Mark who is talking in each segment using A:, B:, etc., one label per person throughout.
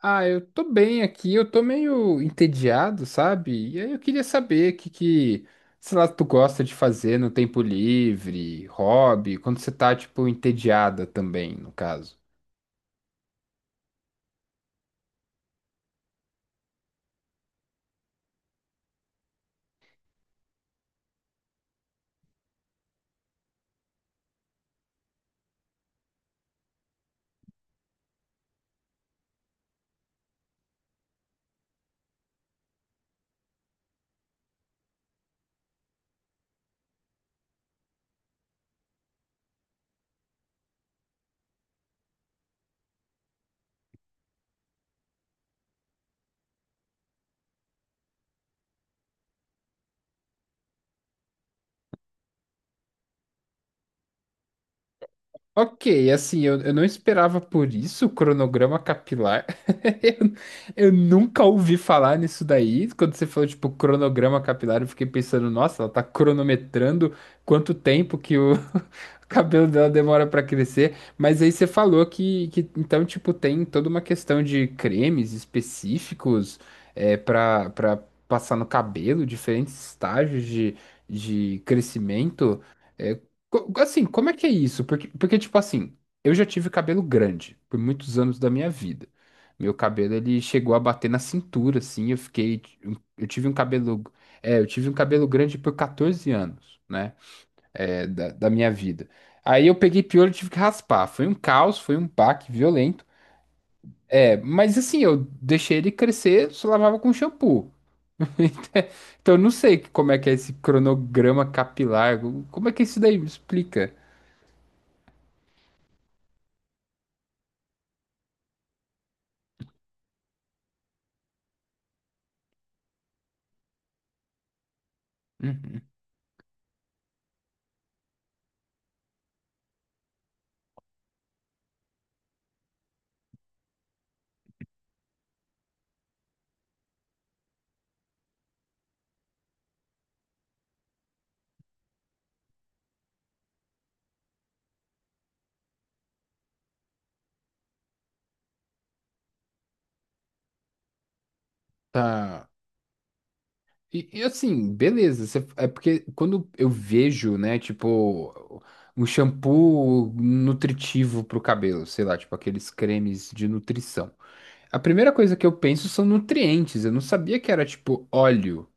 A: Ah, eu tô bem aqui, eu tô meio entediado, sabe? E aí eu queria saber o que que, sei lá, tu gosta de fazer no tempo livre, hobby, quando você tá, tipo, entediada também, no caso. Ok, assim, eu não esperava por isso, o cronograma capilar. Eu nunca ouvi falar nisso daí. Quando você falou, tipo, cronograma capilar, eu fiquei pensando, nossa, ela tá cronometrando quanto tempo que o, o cabelo dela demora pra crescer, mas aí você falou que então, tipo, tem toda uma questão de cremes específicos é, para passar no cabelo, diferentes estágios de crescimento. É, assim, como é que é isso? Porque, tipo assim, eu já tive cabelo grande por muitos anos da minha vida. Meu cabelo, ele chegou a bater na cintura, assim, eu fiquei... Eu tive um cabelo... É, eu tive um cabelo grande por 14 anos, né? É, da minha vida. Aí eu peguei piolho e tive que raspar. Foi um caos, foi um baque violento. É, mas assim, eu deixei ele crescer, só lavava com shampoo. Então eu não sei como é que é esse cronograma capilar, como é que é isso daí me explica? Tá. E, assim, beleza, é porque quando eu vejo, né, tipo, um shampoo nutritivo pro cabelo, sei lá, tipo aqueles cremes de nutrição. A primeira coisa que eu penso são nutrientes, eu não sabia que era tipo óleo.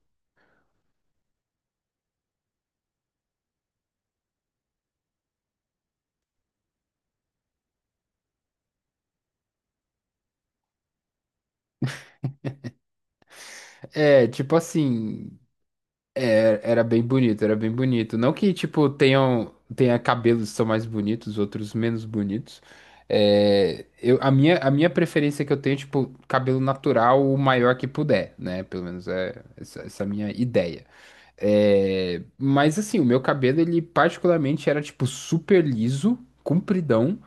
A: É, tipo assim, era bem bonito, era bem bonito. Não que, tipo, tenha cabelos que são mais bonitos, outros menos bonitos. É, eu, a minha preferência que eu tenho, é, tipo, cabelo natural o maior que puder, né? Pelo menos é essa, essa minha ideia. É, mas assim, o meu cabelo, ele particularmente era, tipo, super liso, compridão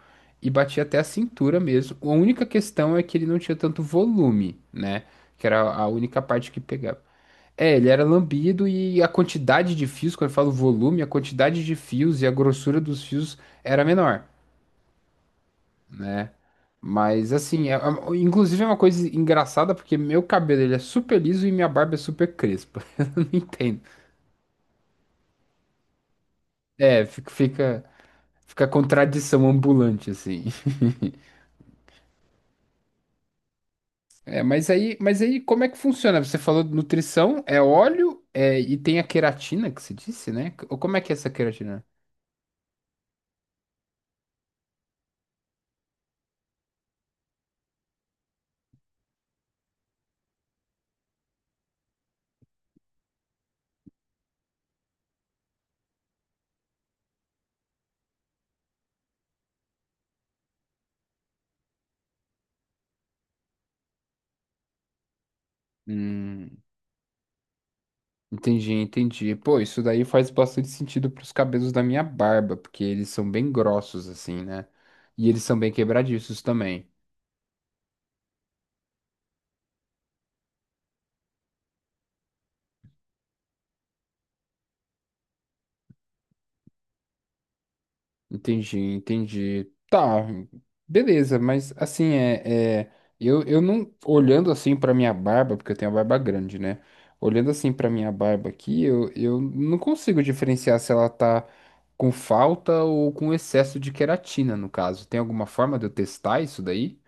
A: e batia até a cintura mesmo. A única questão é que ele não tinha tanto volume, né? Que era a única parte que pegava. É, ele era lambido e a quantidade de fios, quando eu falo volume, a quantidade de fios e a grossura dos fios era menor. Mas assim, inclusive é uma coisa engraçada porque meu cabelo ele é super liso e minha barba é super crespa. Eu não entendo. É, fica contradição ambulante assim. É, mas aí como é que funciona? Você falou de nutrição, é óleo, é, e tem a queratina que você disse, né? Ou como é que é essa queratina? Hum. Entendi, entendi. Pô, isso daí faz bastante sentido pros cabelos da minha barba, porque eles são bem grossos assim, né? E eles são bem quebradiços também. Entendi, entendi. Tá, beleza, mas assim, é eu não, olhando assim pra minha barba, porque eu tenho a barba grande, né? Olhando assim pra minha barba aqui, eu não consigo diferenciar se ela tá com falta ou com excesso de queratina, no caso. Tem alguma forma de eu testar isso daí?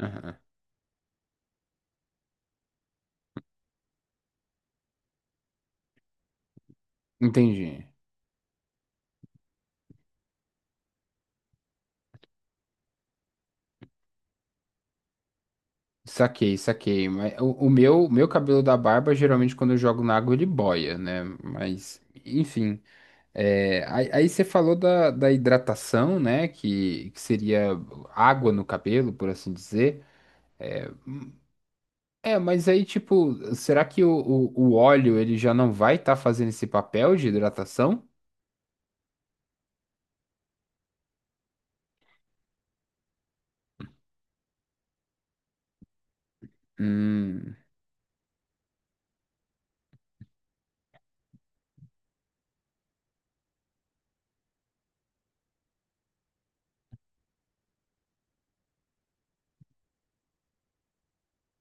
A: Aham. Entendi. Saquei, saquei. Mas o meu cabelo da barba, geralmente quando eu jogo na água, ele boia, né? Mas, enfim. É, aí você falou da hidratação, né? Que seria água no cabelo, por assim dizer. É, mas aí, tipo, será que o óleo ele já não vai estar fazendo esse papel de hidratação? Hum,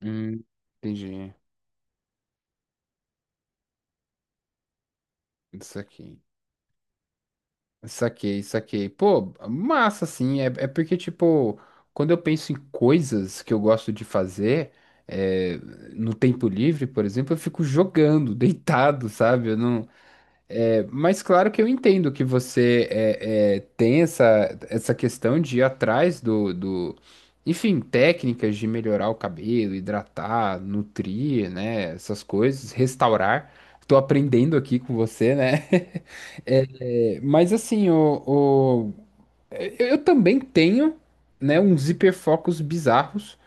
A: hum, entendi. Isso aqui. Saquei, saquei. Pô, massa, assim. É porque, tipo, quando eu penso em coisas que eu gosto de fazer, é, no tempo livre, por exemplo, eu fico jogando, deitado, sabe? Eu não... É, mas claro que eu entendo que você é, tem essa, essa questão de ir atrás do... Enfim, técnicas de melhorar o cabelo, hidratar, nutrir, né? Essas coisas, restaurar. Tô aprendendo aqui com você, né? Mas assim, eu também tenho, né, uns hiperfocos bizarros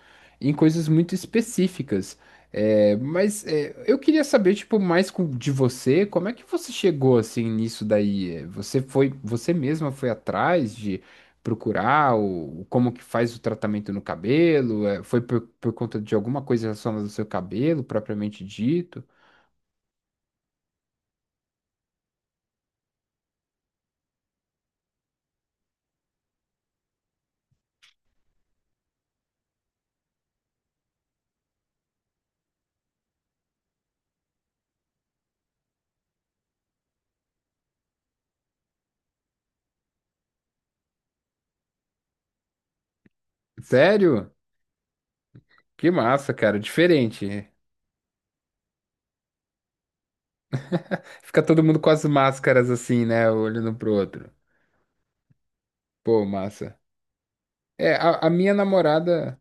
A: em coisas muito específicas. É, mas é, eu queria saber, tipo, mais de você, como é que você chegou assim nisso daí? É, você foi, você mesma foi atrás de procurar o, como que faz o tratamento no cabelo? É, foi por conta de alguma coisa relacionada ao seu cabelo, propriamente dito? Sério? Que massa, cara, diferente. Fica todo mundo com as máscaras assim, né? Olhando pro outro. Pô, massa. É, a minha namorada.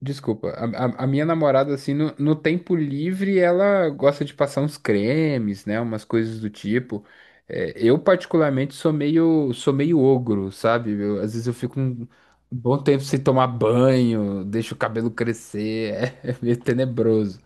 A: Desculpa, a minha namorada, assim, no tempo livre, ela gosta de passar uns cremes, né? Umas coisas do tipo. É, eu, particularmente, sou meio ogro, sabe? Às vezes eu fico um bom tempo sem tomar banho, deixo o cabelo crescer, é meio tenebroso.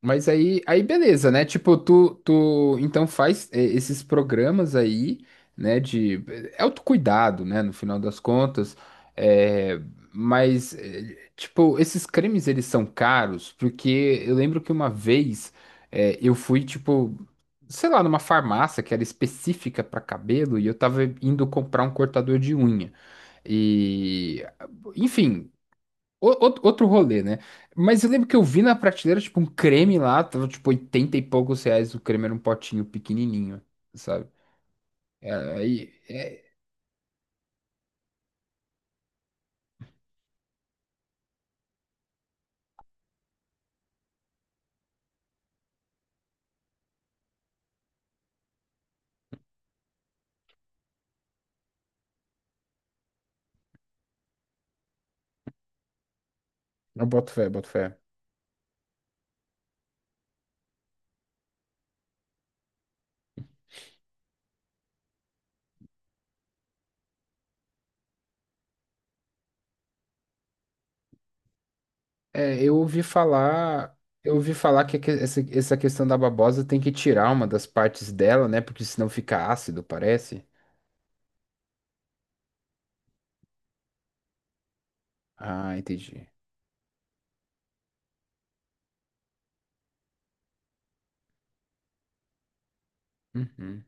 A: Mas aí beleza, né? Tipo, tu então faz é, esses programas aí, né? De autocuidado, né? No final das contas. É, mas, é, tipo, esses cremes eles são caros, porque eu lembro que uma vez é, eu fui, tipo, sei lá, numa farmácia que era específica para cabelo e eu tava indo comprar um cortador de unha. E, enfim, outro rolê, né? Mas eu lembro que eu vi na prateleira, tipo, um creme lá, tava tipo R$ 80 e poucos. O creme era um potinho pequenininho, sabe? É, Aí, é, Eu boto fé, boto fé. É, eu ouvi falar essa, essa questão da babosa tem que tirar uma das partes dela, né? Porque senão fica ácido, parece. Ah, entendi. Uhum.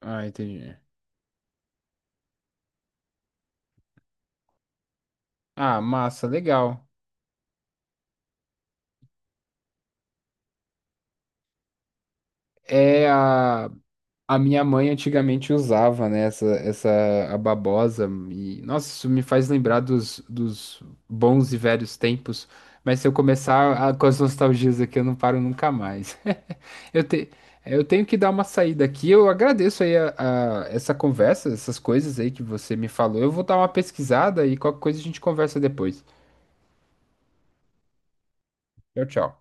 A: Ah, entendi. Ah, massa, legal. É a A minha mãe antigamente usava, né, essa a babosa e nossa, isso me faz lembrar dos bons e velhos tempos. Mas se eu começar com as nostalgias aqui, eu não paro nunca mais. Eu, te, eu tenho que dar uma saída aqui. Eu agradeço aí essa conversa, essas coisas aí que você me falou. Eu vou dar uma pesquisada e qualquer coisa a gente conversa depois. Tchau, tchau.